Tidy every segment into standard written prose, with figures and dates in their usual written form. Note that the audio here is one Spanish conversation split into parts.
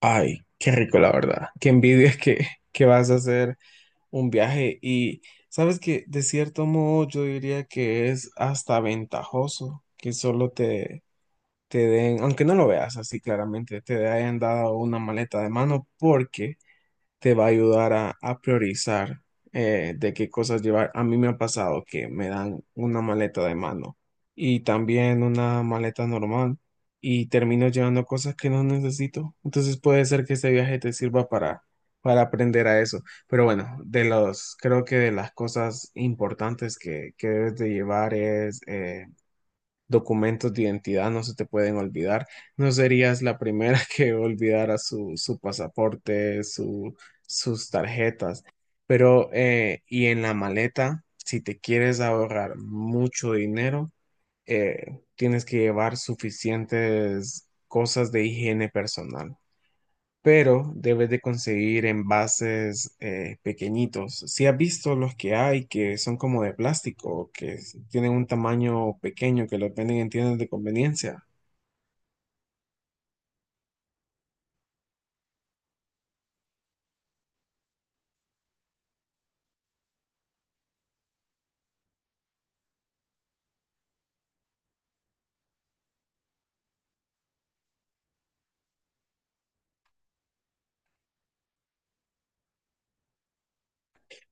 Ay, qué rico, la verdad. Qué envidia que vas a hacer un viaje. Y sabes que de cierto modo yo diría que es hasta ventajoso que solo te den, aunque no lo veas así claramente, te hayan dado una maleta de mano, porque te va a ayudar a priorizar de qué cosas llevar. A mí me ha pasado que me dan una maleta de mano y también una maleta normal y termino llevando cosas que no necesito. Entonces puede ser que este viaje te sirva para aprender a eso. Pero bueno, de los, creo que de las cosas importantes que debes de llevar es... documentos de identidad no se te pueden olvidar. No serías la primera que olvidara su pasaporte, su, sus tarjetas. Pero, y en la maleta, si te quieres ahorrar mucho dinero, tienes que llevar suficientes cosas de higiene personal, pero debes de conseguir envases pequeñitos. Si has visto los que hay que son como de plástico, tienen un tamaño pequeño, que los venden en tiendas de conveniencia,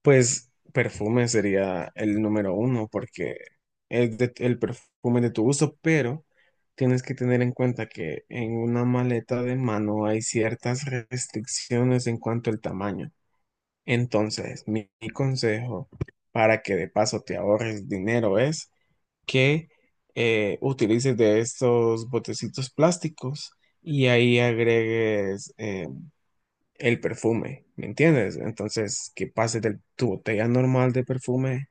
pues perfume sería el número uno porque el perfume de tu gusto, pero tienes que tener en cuenta que en una maleta de mano hay ciertas restricciones en cuanto al tamaño. Entonces, mi consejo para que de paso te ahorres dinero es que utilices de estos botecitos plásticos y ahí agregues el perfume, ¿me entiendes? Entonces, que pases de tu botella normal de perfume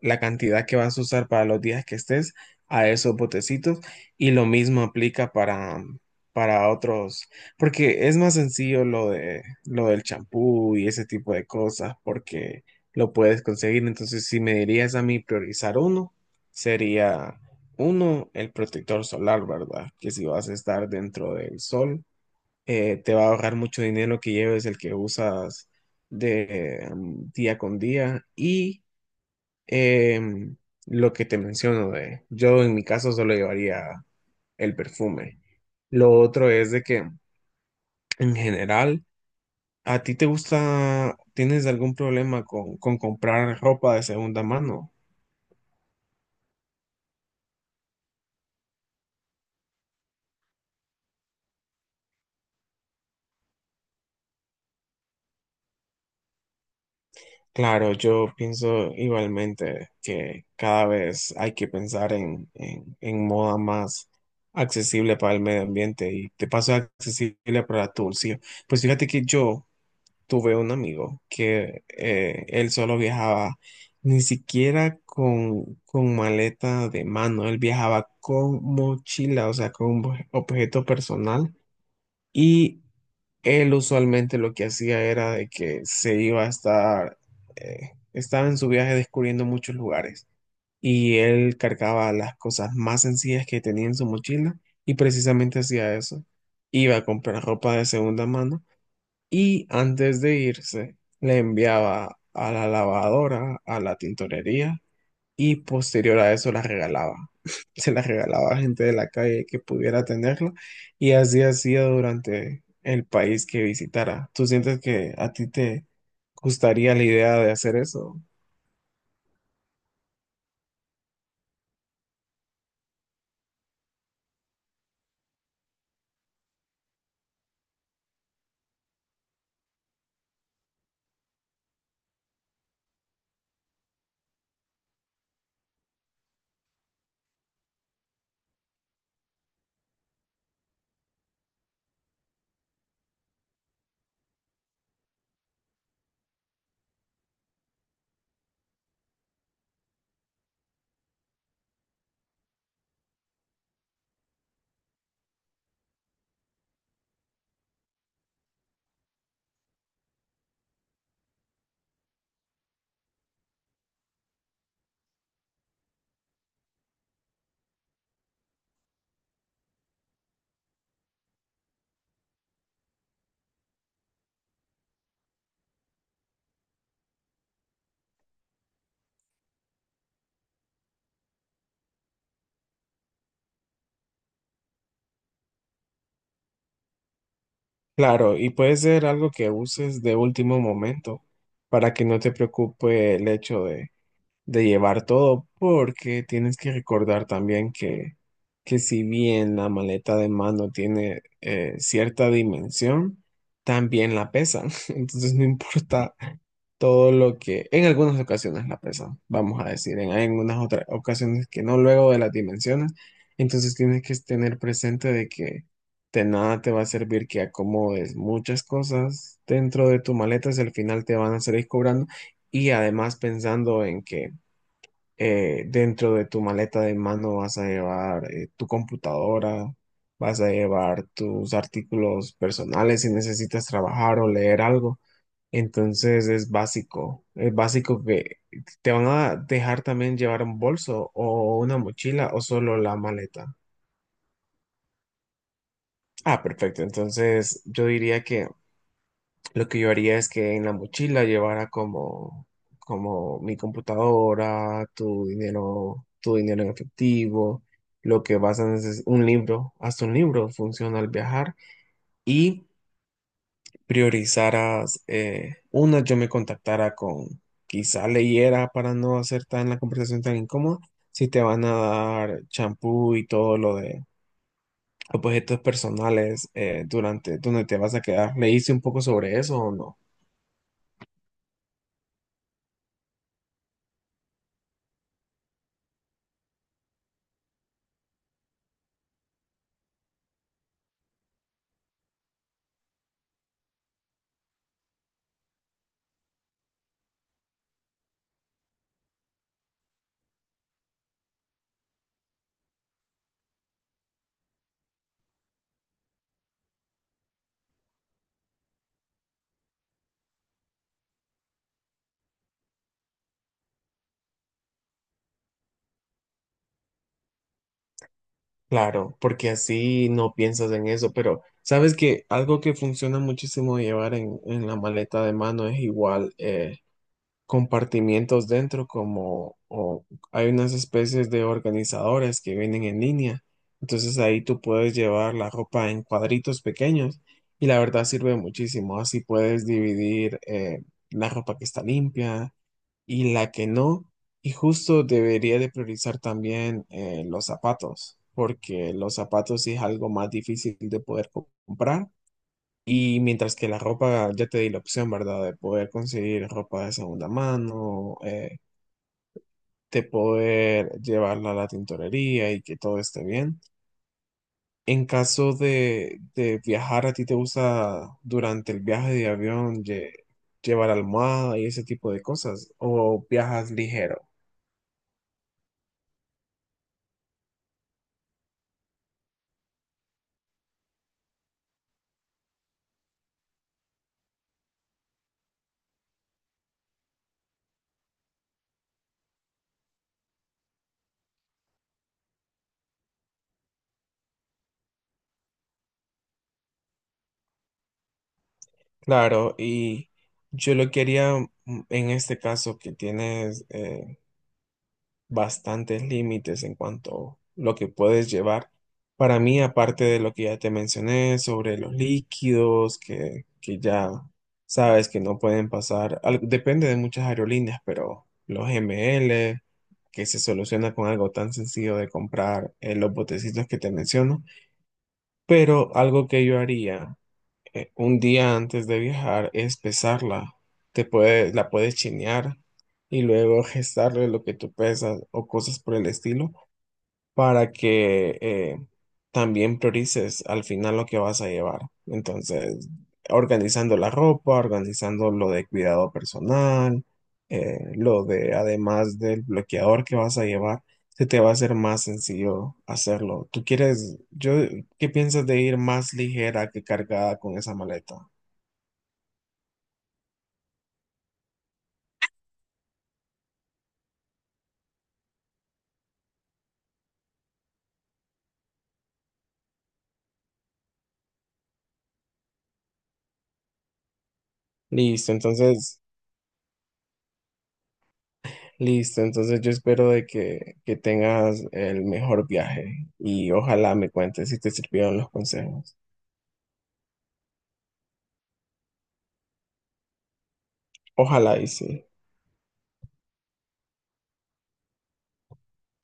la cantidad que vas a usar para los días que estés a esos botecitos, y lo mismo aplica para otros, porque es más sencillo lo del champú y ese tipo de cosas porque lo puedes conseguir. Entonces, si me dirías a mí priorizar uno, sería uno, el protector solar, ¿verdad? Que si vas a estar dentro del sol, te va a ahorrar mucho dinero que lleves el que usas de día con día. Em, lo que te menciono de, yo en mi caso solo llevaría el perfume. Lo otro es de que, en general, ¿a ti te gusta, tienes algún problema con comprar ropa de segunda mano? Claro, yo pienso igualmente que cada vez hay que pensar en moda más accesible para el medio ambiente y te paso accesible para tu bolsillo. Pues fíjate que yo tuve un amigo que él solo viajaba ni siquiera con maleta de mano, él viajaba con mochila, o sea, con un objeto personal, y él usualmente lo que hacía era de que se iba a estar, estaba en su viaje descubriendo muchos lugares, y él cargaba las cosas más sencillas que tenía en su mochila y precisamente hacía eso. Iba a comprar ropa de segunda mano y antes de irse le enviaba a la lavadora, a la tintorería, y posterior a eso la regalaba. Se la regalaba a gente de la calle que pudiera tenerla, y así hacía durante el país que visitara. ¿Tú sientes que a ti te gustaría la idea de hacer eso? Claro, y puede ser algo que uses de último momento para que no te preocupe el hecho de llevar todo, porque tienes que recordar también que si bien la maleta de mano tiene cierta dimensión, también la pesan. Entonces no importa todo lo que en algunas ocasiones la pesan, vamos a decir, en algunas otras ocasiones que no luego de las dimensiones. Entonces tienes que tener presente de que de nada te va a servir que acomodes muchas cosas dentro de tu maleta si al final te van a salir cobrando, y además pensando en que dentro de tu maleta de mano vas a llevar tu computadora, vas a llevar tus artículos personales si necesitas trabajar o leer algo. Entonces es básico que te van a dejar también llevar un bolso o una mochila o solo la maleta. Ah, perfecto. Entonces yo diría que lo que yo haría es que en la mochila llevara como, como mi computadora, tu dinero en efectivo, lo que vas a necesitar, un libro, hasta un libro funciona al viajar, y priorizaras, una, yo me contactara con, quizá leyera para no hacer tan la conversación tan incómoda, si te van a dar champú y todo lo de objetos personales durante donde te vas a quedar. ¿Leíste un poco sobre eso o no? Claro, porque así no piensas en eso, pero sabes que algo que funciona muchísimo llevar en la maleta de mano es igual, compartimientos dentro, como o hay unas especies de organizadores que vienen en línea. Entonces ahí tú puedes llevar la ropa en cuadritos pequeños y la verdad sirve muchísimo, así puedes dividir la ropa que está limpia y la que no. Y justo debería de priorizar también los zapatos, porque los zapatos sí es algo más difícil de poder comprar. Y mientras que la ropa, ya te di la opción, ¿verdad? De poder conseguir ropa de segunda mano, de poder llevarla a la tintorería y que todo esté bien. En caso de viajar, ¿a ti te gusta durante el viaje de avión llevar almohada y ese tipo de cosas? ¿O viajas ligero? Claro, y yo lo quería en este caso que tienes bastantes límites en cuanto a lo que puedes llevar. Para mí, aparte de lo que ya te mencioné sobre los líquidos, que ya sabes que no pueden pasar, depende de muchas aerolíneas, pero los ML, que se soluciona con algo tan sencillo de comprar, los botecitos que te menciono, pero algo que yo haría un día antes de viajar es pesarla. Te puede, la puedes chinear y luego gestarle lo que tú pesas o cosas por el estilo para que también priorices al final lo que vas a llevar. Entonces, organizando la ropa, organizando lo de cuidado personal, lo de además del bloqueador que vas a llevar, se te va a hacer más sencillo hacerlo. ¿Tú quieres, yo, qué piensas de ir más ligera que cargada con esa maleta? Listo, entonces, listo, entonces yo espero de que tengas el mejor viaje y ojalá me cuentes si te sirvieron los consejos. Ojalá y sí.